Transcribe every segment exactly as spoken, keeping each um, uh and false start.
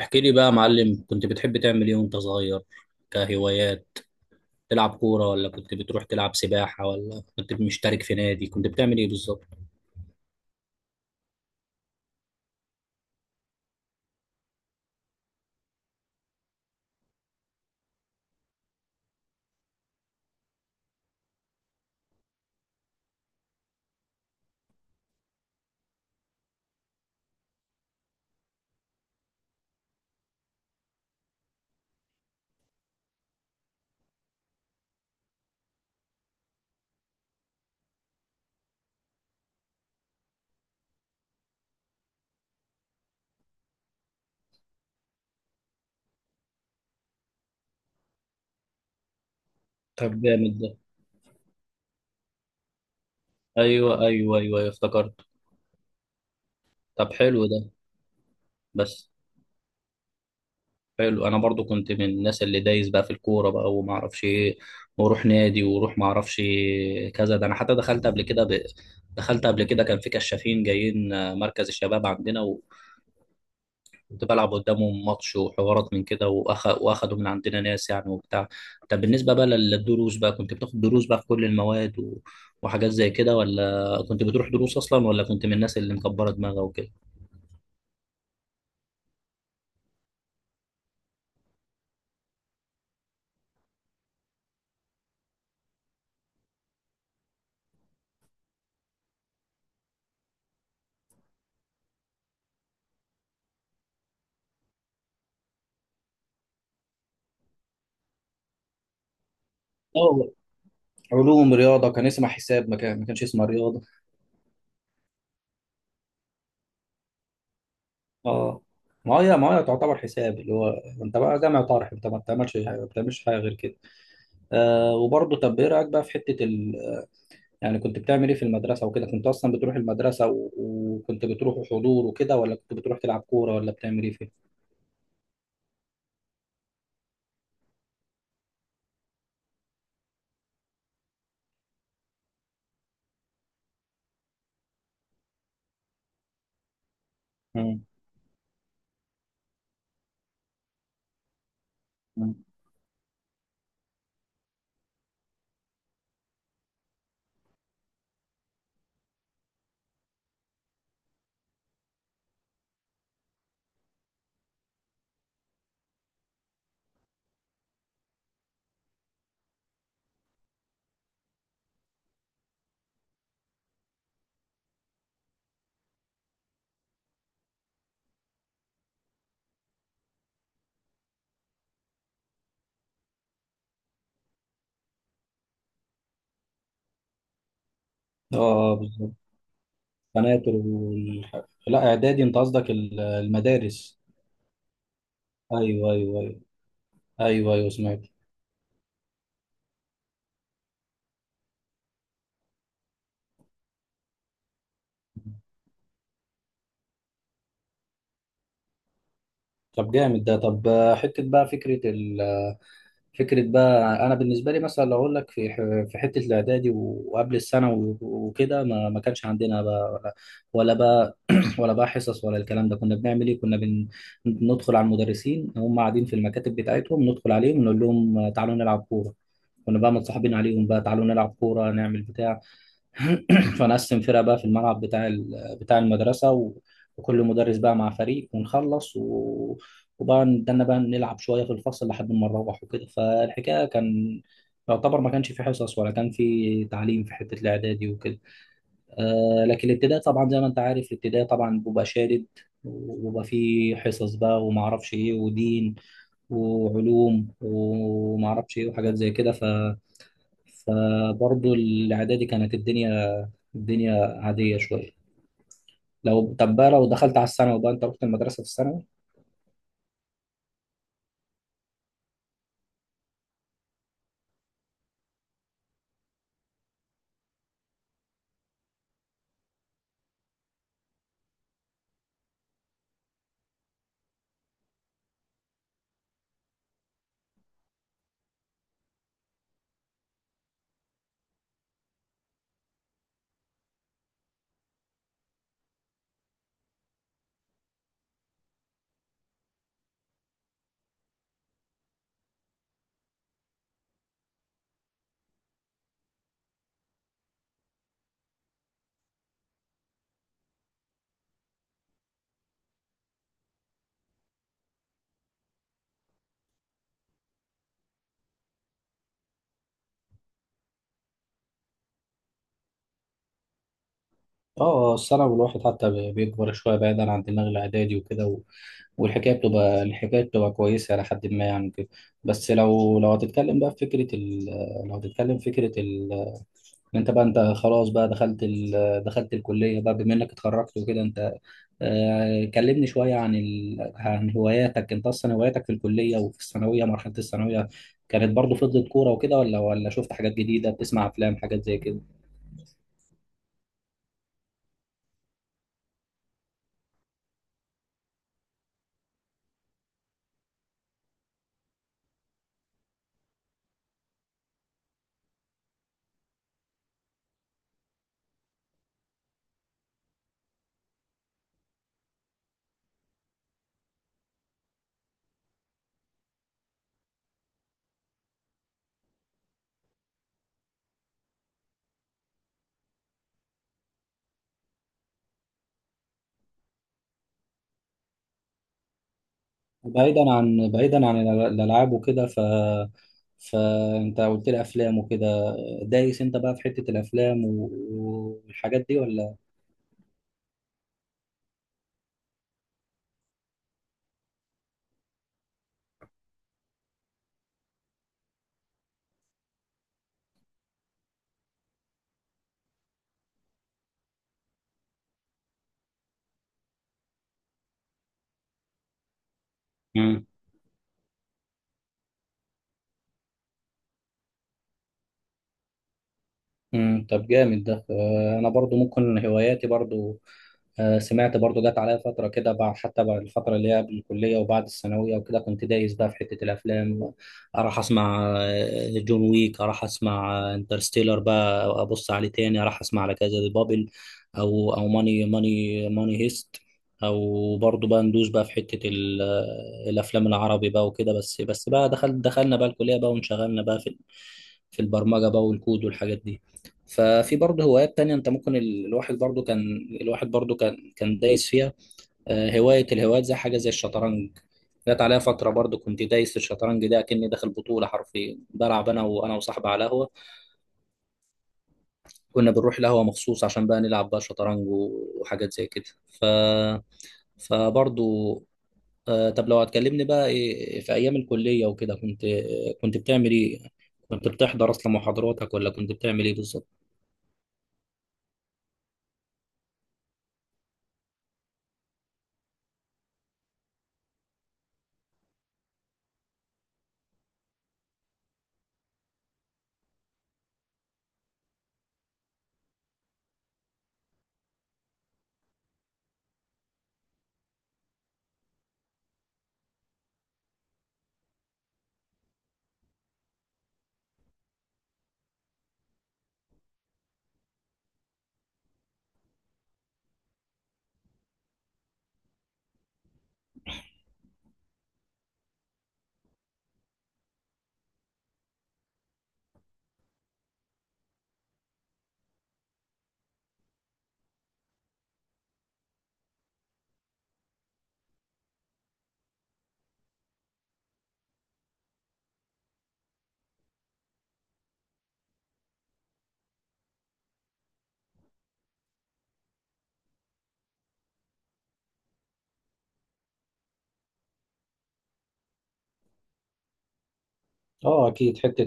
احكي لي بقى يا معلم، كنت بتحب تعمل ايه وانت صغير؟ كهوايات تلعب كورة، ولا كنت بتروح تلعب سباحة، ولا كنت مشترك في نادي؟ كنت بتعمل ايه بالظبط؟ طب جامد ده. ايوه، ايوه، ايوه، أيوة، افتكرت. طب حلو ده. بس حلو، انا برضو كنت من الناس اللي دايس بقى في الكورة بقى وما اعرفش ايه، واروح نادي واروح ما اعرفش كذا ده. انا حتى دخلت قبل كده ب... دخلت قبل كده كان في كشافين جايين آه، مركز الشباب عندنا. كنت بلعب قدامهم ماتش وحوارات من كده، وأخ... واخدوا من عندنا ناس يعني وبتاع. طب بالنسبه بقى لل- للدروس بقى، كنت بتاخد دروس بقى في كل المواد و... وحاجات زي كده؟ ولا كنت بتروح دروس اصلا، ولا كنت من الناس اللي مكبره دماغها وكده؟ اه، علوم رياضه كان اسمها حساب، ما كان ما كانش اسمها رياضه. اه، ما هي ما هي تعتبر حساب، اللي هو انت بقى جامع طارح، انت ما بتعملش ما بتعملش حاجه غير كده. آه وبرضه، طب ايه رايك بقى في حته؟ يعني كنت بتعمل ايه في المدرسة وكده؟ كنت اصلا بتروح المدرسة و... وكنت بتروح حضور وكده، ولا كنت بتروح تلعب كورة، ولا بتعمل ايه فيها؟ مم. مم. اه، بالظبط. قناتر وال... لا، اعدادي انت قصدك ال- المدارس. ايوه، ايوه، ايوه، ايوه، ايوه، سمعت. طب جامد ده. طب، آه، حتة بقى فكرة ال... فكرة بقى، أنا بالنسبة لي مثلا لو أقول لك في ح- في حتة الإعدادي و- وقبل الثانوي وكده، ما ما كانش عندنا بقى ولا ولا بقى ولا بقى حصص، ولا الكلام ده كنا بنعمل إيه؟ كنا بن ندخل على المدرسين هم قاعدين في المكاتب بتاعتهم، ندخل عليهم نقول لهم تعالوا نلعب كورة. كنا بقى متصاحبين عليهم بقى تعالوا نلعب كورة نعمل بتاع. فنقسم فرق بقى في الملعب بتاع ال- بتاع المدرسة، و- وكل مدرس بقى مع فريق ونخلص و... وبقى نتدنى بقى نلعب شوية في الفصل لحد ما نروح وكده. فالحكاية كان يعتبر ما كانش في حصص، ولا كان في تعليم في حتة الإعدادي وكده. آه لكن الابتدائي طبعا زي ما أنت عارف، الابتدائي طبعا بيبقى شادد وبيبقى فيه حصص بقى وما اعرفش ايه ودين وعلوم وما اعرفش ايه وحاجات زي كده. ف فبرضه الاعدادي كانت الدنيا الدنيا عاديه شويه. لو طب بقى لو دخلت على الثانوي بقى، انت رحت المدرسه في الثانوي؟ اه، الثانوي الواحد حتى بي- بيكبر شويه بعيدا عن دماغ الاعدادي وكده، و... والحكايه بتبقى الحكايه بتبقى كويسه الى حد ما يعني كده. بس لو لو هتتكلم بقى في فكره ال... لو هتتكلم في فكره ال... إن انت بقى انت خلاص بقى دخلت ال... دخلت الكليه بقى، بما انك اتخرجت وكده انت. آه، كلمني شوية عن ال... عن هواياتك، انت اصلا هواياتك في الكلية وفي الثانوية مرحلة الثانوية كانت برضو فضلت كورة وكده؟ ولا ولا شفت حاجات جديدة، بتسمع افلام حاجات زي كده؟ بعيدا عن بعيدا عن الأل- الالعاب وكده، ف فانت قلت لي افلام وكده. دايس انت بقى في حتة الافلام و... والحاجات دي، ولا؟ مم. مم. طب جامد ده. آه، انا برضو ممكن هواياتي برضو. آه، سمعت برضو جت عليا فترة كده، بعد حتى بعد الفترة اللي هي قبل الكلية وبعد الثانوية وكده، كنت دايس بقى في حتة الأفلام. أروح أسمع آه، جون ويك، أروح أسمع انترستيلر بقى أبص عليه تاني، أروح أسمع على كذا، بابل، أو أو ماني ماني ماني هيست. أو برضو بقى ندوس بقى في حتة ال- آه، الأفلام العربي بقى وكده. بس بس بقى دخل دخلنا بقى الكلية بقى وانشغلنا بقى في ال- في البرمجة بقى والكود والحاجات دي. ففي برضه هوايات تانية، انت ممكن ال- الواحد برضه كان الواحد برضه كان كان دايس فيها. آه، هواية الهوايات زي حاجة زي الشطرنج. جت عليا فترة برضه كنت دايس في الشطرنج ده، كأني داخل بطولة، حرفيا بلعب انا وانا وصاحبي على قهوة. كنا بنروح القهوة مخصوص عشان بقى نلعب بقى شطرنج و- وحاجات زي كده. ف فبرضه آه، طب لو هتكلمني بقى إيه في ايام الكلية وكده، كنت كنت بتعمل ايه؟ كنت بتحضر اصلا محاضراتك، ولا كنت بتعمل ايه بالظبط؟ اه اكيد، حته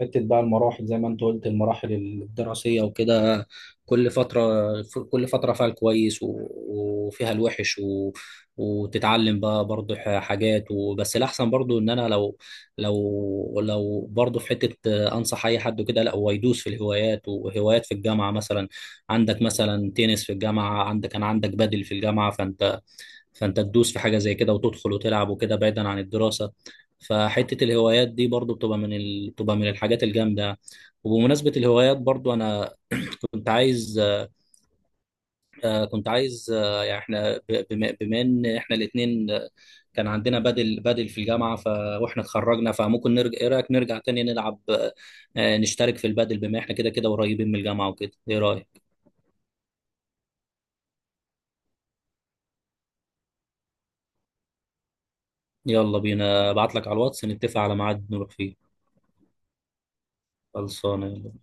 حتة بقى المراحل، زي ما انت قلت، المراحل الدراسية وكده. كل فترة كل فترة فيها الكويس و- وفيها الوحش، و... وتتعلم بقى برضه ح- حاجات. وبس الأحسن برضه إن أنا لو لو لو برضه في حتة، أنصح أي حد كده لا هو يدوس في الهوايات، وهوايات في الجامعة مثلا. عندك مثلا تنس في الجامعة، عندك كان عندك بدل في الجامعة، فأنت فانت تدوس في حاجه زي كده وتدخل وتلعب وكده بعيدا عن الدراسه. فحته الهوايات دي برضو بتبقى من ال... بتبقى من الحاجات الجامده. وبمناسبه الهوايات برضو، انا كنت عايز آه، كنت عايز آه، يعني احنا ب- بما بما ان احنا الاثنين كان عندنا بدل بدل في الجامعه، ف... واحنا اتخرجنا، فممكن نرجع، ايه رايك نرجع تاني نلعب، آه، نشترك في البدل. بما احنا كده كده قريبين من الجامعه وكده، ايه رايك؟ يلا بينا، ابعت لك على الواتس نتفق على ميعاد نروح فيه. خلصانه.